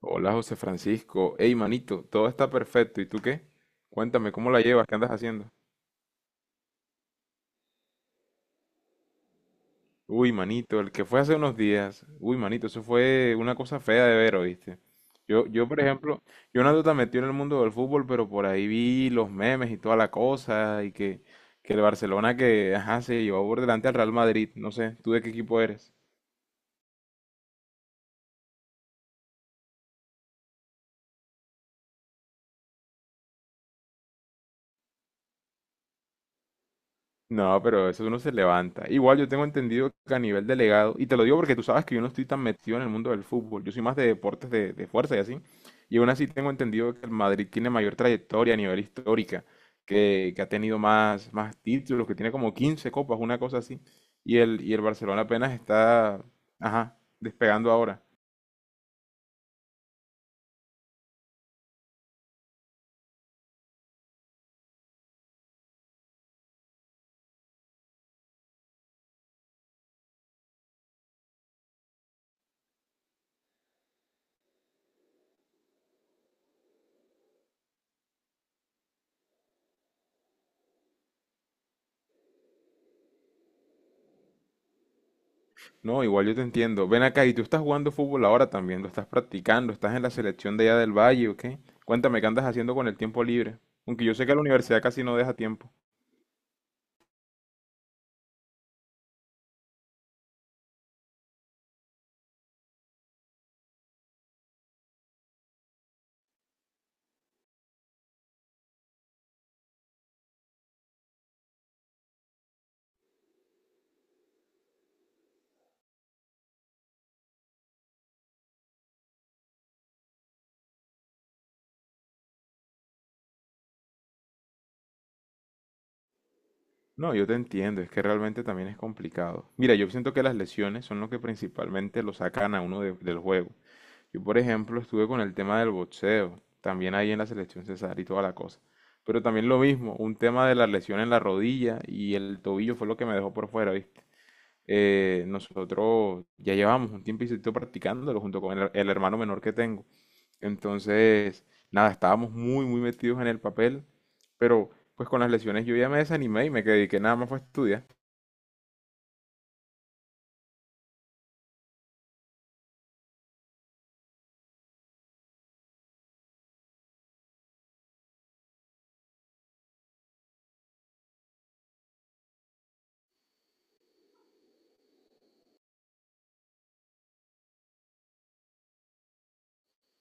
Hola José Francisco. Hey manito, todo está perfecto. ¿Y tú qué? Cuéntame, ¿cómo la llevas? ¿Qué andas haciendo? Uy, manito, el que fue hace unos días. Uy, manito, eso fue una cosa fea de ver, ¿oíste? Por ejemplo, yo no ando tan metido en el mundo del fútbol, pero por ahí vi los memes y toda la cosa, que el Barcelona que, ajá, se llevó por delante al Real Madrid. No sé, ¿tú de qué equipo eres? No, pero eso uno se levanta. Igual yo tengo entendido que a nivel delegado, y te lo digo porque tú sabes que yo no estoy tan metido en el mundo del fútbol, yo soy más de deportes de fuerza y así, y aún así tengo entendido que el Madrid tiene mayor trayectoria a nivel histórica, que ha tenido más títulos, que tiene como 15 copas, una cosa así, y el Barcelona apenas está, ajá, despegando ahora. No, igual yo te entiendo. Ven acá, y tú estás jugando fútbol ahora también, lo estás practicando, estás en la selección de allá del Valle, ¿o qué? Cuéntame, ¿qué andas haciendo con el tiempo libre? Aunque yo sé que la universidad casi no deja tiempo. No, yo te entiendo, es que realmente también es complicado. Mira, yo siento que las lesiones son lo que principalmente lo sacan a uno de- del juego. Yo, por ejemplo, estuve con el tema del boxeo, también ahí en la selección Cesar y toda la cosa. Pero también lo mismo, un tema de la lesión en la rodilla y el tobillo fue lo que me dejó por fuera, ¿viste? Nosotros ya llevamos un tiempito practicándolo junto con el hermano menor que tengo. Entonces, nada, estábamos muy metidos en el papel, pero pues con las lesiones yo ya me desanimé y me dediqué nada más fue a estudiar.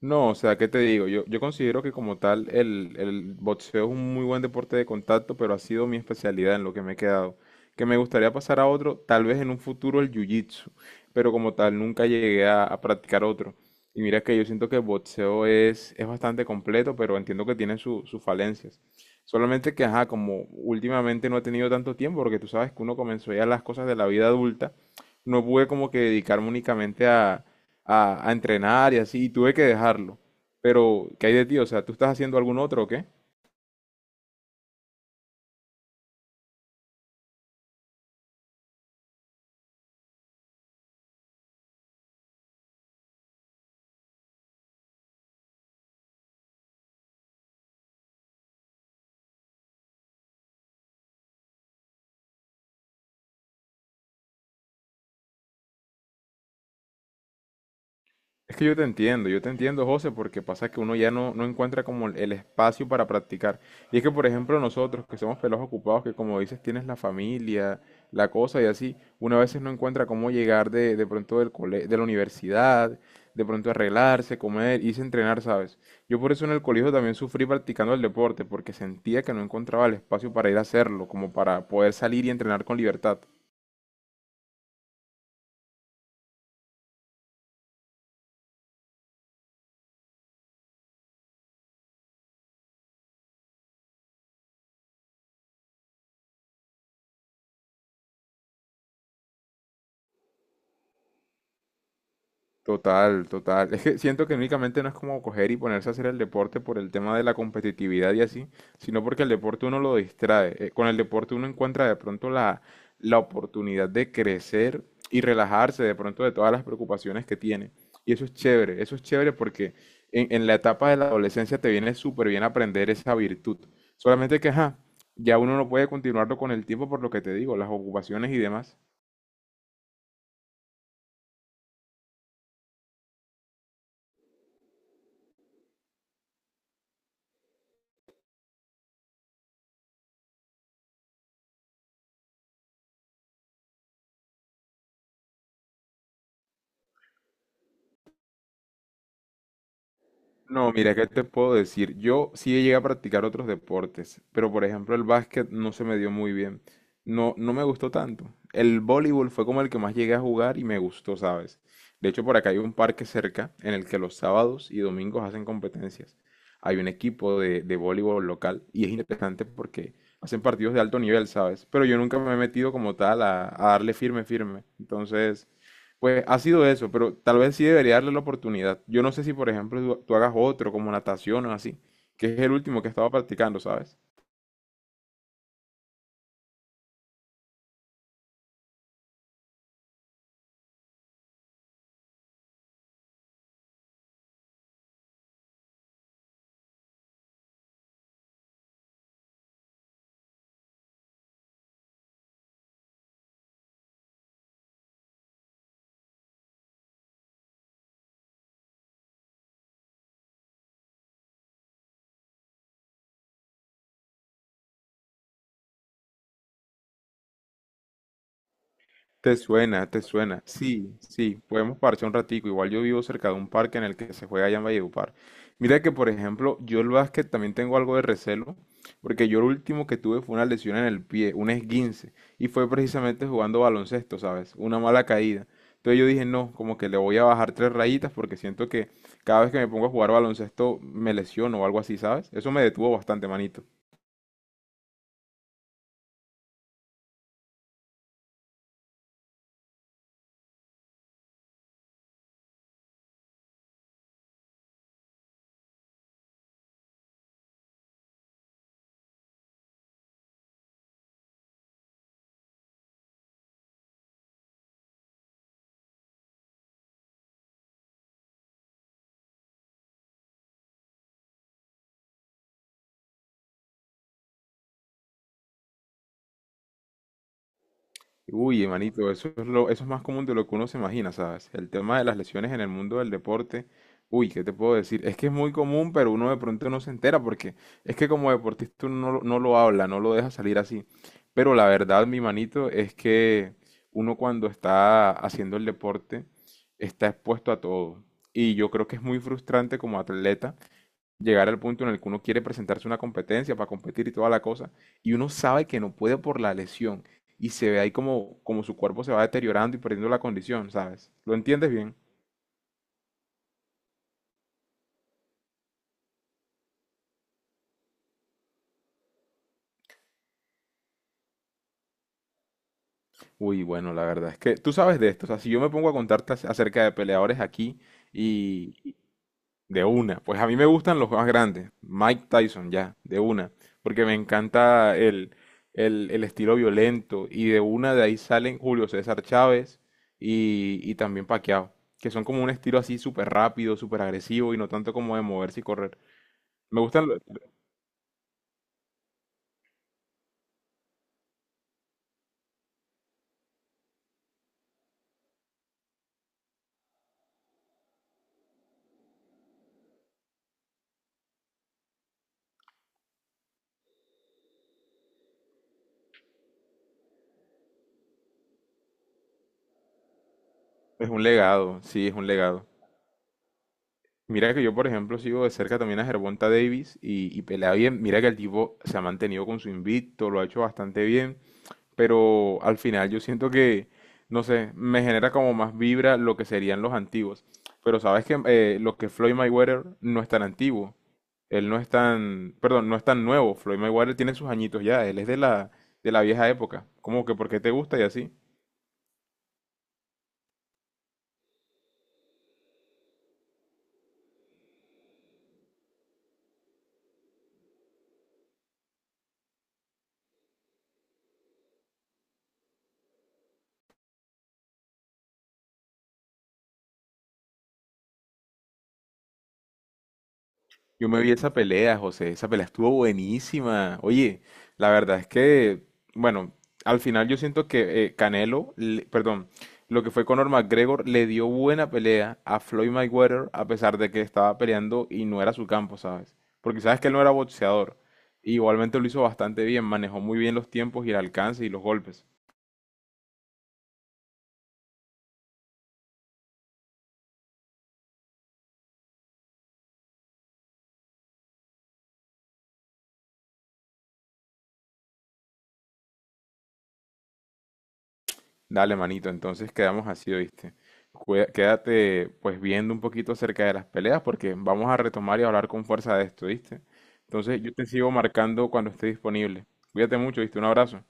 No, o sea, ¿qué te digo? Yo considero que como tal el boxeo es un muy buen deporte de contacto, pero ha sido mi especialidad en lo que me he quedado. Que me gustaría pasar a otro, tal vez en un futuro el jiu-jitsu, pero como tal nunca llegué a practicar otro. Y mira que yo siento que el boxeo es bastante completo, pero entiendo que tiene su- sus falencias. Solamente que, ajá, como últimamente no he tenido tanto tiempo, porque tú sabes que uno comenzó ya las cosas de la vida adulta, no pude como que dedicarme únicamente a a entrenar y así, y tuve que dejarlo. Pero, ¿qué hay de ti? O sea, ¿tú estás haciendo algún otro o qué? Es que yo te entiendo, José, porque pasa que uno ya no encuentra como el espacio para practicar. Y es que, por ejemplo, nosotros que somos pelos ocupados, que como dices, tienes la familia, la cosa y así, uno a veces no encuentra cómo llegar de pronto del cole- de la universidad, de pronto arreglarse, comer, irse a entrenar, ¿sabes? Yo por eso en el colegio también sufrí practicando el deporte, porque sentía que no encontraba el espacio para ir a hacerlo, como para poder salir y entrenar con libertad. Total, total. Es que siento que únicamente no es como coger y ponerse a hacer el deporte por el tema de la competitividad y así, sino porque el deporte uno lo distrae. Con el deporte uno encuentra de pronto la oportunidad de crecer y relajarse de pronto de todas las preocupaciones que tiene. Y eso es chévere porque en la etapa de la adolescencia te viene súper bien aprender esa virtud. Solamente que, ajá, ya uno no puede continuarlo con el tiempo por lo que te digo, las ocupaciones y demás. No, mira, ¿qué te puedo decir? Yo sí llegué a practicar otros deportes, pero por ejemplo el básquet no se me dio muy bien. No, no me gustó tanto. El voleibol fue como el que más llegué a jugar y me gustó, ¿sabes? De hecho, por acá hay un parque cerca en el que los sábados y domingos hacen competencias. Hay un equipo de voleibol local y es interesante porque hacen partidos de alto nivel, ¿sabes? Pero yo nunca me he metido como tal a darle firme, firme. Entonces, pues ha sido eso, pero tal vez sí debería darle la oportunidad. Yo no sé si, por ejemplo, tú hagas otro como natación o así, que es el último que estaba practicando, ¿sabes? Te suena, te suena. Sí, sí, podemos parchar un ratico. Igual yo vivo cerca de un parque en el que se juega allá en Valledupar. Mira que, por ejemplo, yo el básquet también tengo algo de recelo, porque yo lo último que tuve fue una lesión en el pie, un esguince, y fue precisamente jugando baloncesto, ¿sabes? Una mala caída. Entonces yo dije, no, como que le voy a bajar tres rayitas porque siento que cada vez que me pongo a jugar baloncesto me lesiono o algo así, ¿sabes? Eso me detuvo bastante, manito. Uy, hermanito, eso es más común de lo que uno se imagina, ¿sabes? El tema de las lesiones en el mundo del deporte, uy, ¿qué te puedo decir? Es que es muy común, pero uno de pronto no se entera porque es que como deportista uno no, lo- no lo habla, no lo deja salir así. Pero la verdad, mi manito, es que uno cuando está haciendo el deporte está expuesto a todo. Y yo creo que es muy frustrante como atleta llegar al punto en el que uno quiere presentarse a una competencia para competir y toda la cosa, y uno sabe que no puede por la lesión, y se ve ahí como, como su cuerpo se va deteriorando y perdiendo la condición, ¿sabes? ¿Lo entiendes bien? Uy, bueno, la verdad es que tú sabes de esto, o sea, si yo me pongo a contarte ac- acerca de peleadores aquí. De una, pues a mí me gustan los más grandes, Mike Tyson ya, de una, porque me encanta el estilo violento y de una de ahí salen Julio César Chávez y también Pacquiao, que son como un estilo así súper rápido, súper agresivo y no tanto como de moverse y correr. Me gustan, lo- es un legado, sí, es un legado. Mira que yo, por ejemplo, sigo de cerca también a Gervonta Davis y pelea bien. Mira que el tipo se ha mantenido con su invicto, lo ha hecho bastante bien. Pero al final yo siento que, no sé, me genera como más vibra lo que serían los antiguos. Pero sabes que lo que Floyd Mayweather no es tan antiguo, él no es tan, perdón, no es tan nuevo. Floyd Mayweather tiene sus añitos ya, él es de de la vieja época. Como que porque te gusta y así. Yo me vi esa pelea, José. Esa pelea estuvo buenísima. Oye, la verdad es que, bueno, al final yo siento que Canelo, le- perdón, lo que fue Conor McGregor le dio buena pelea a Floyd Mayweather a pesar de que estaba peleando y no era su campo, ¿sabes? Porque sabes que él no era boxeador. Igualmente lo hizo bastante bien, manejó muy bien los tiempos y el alcance y los golpes. Dale, manito, entonces quedamos así, ¿oíste? Cué- Quédate pues viendo un poquito acerca de las peleas porque vamos a retomar y hablar con fuerza de esto, ¿viste? Entonces yo te sigo marcando cuando esté disponible. Cuídate mucho, ¿viste? Un abrazo.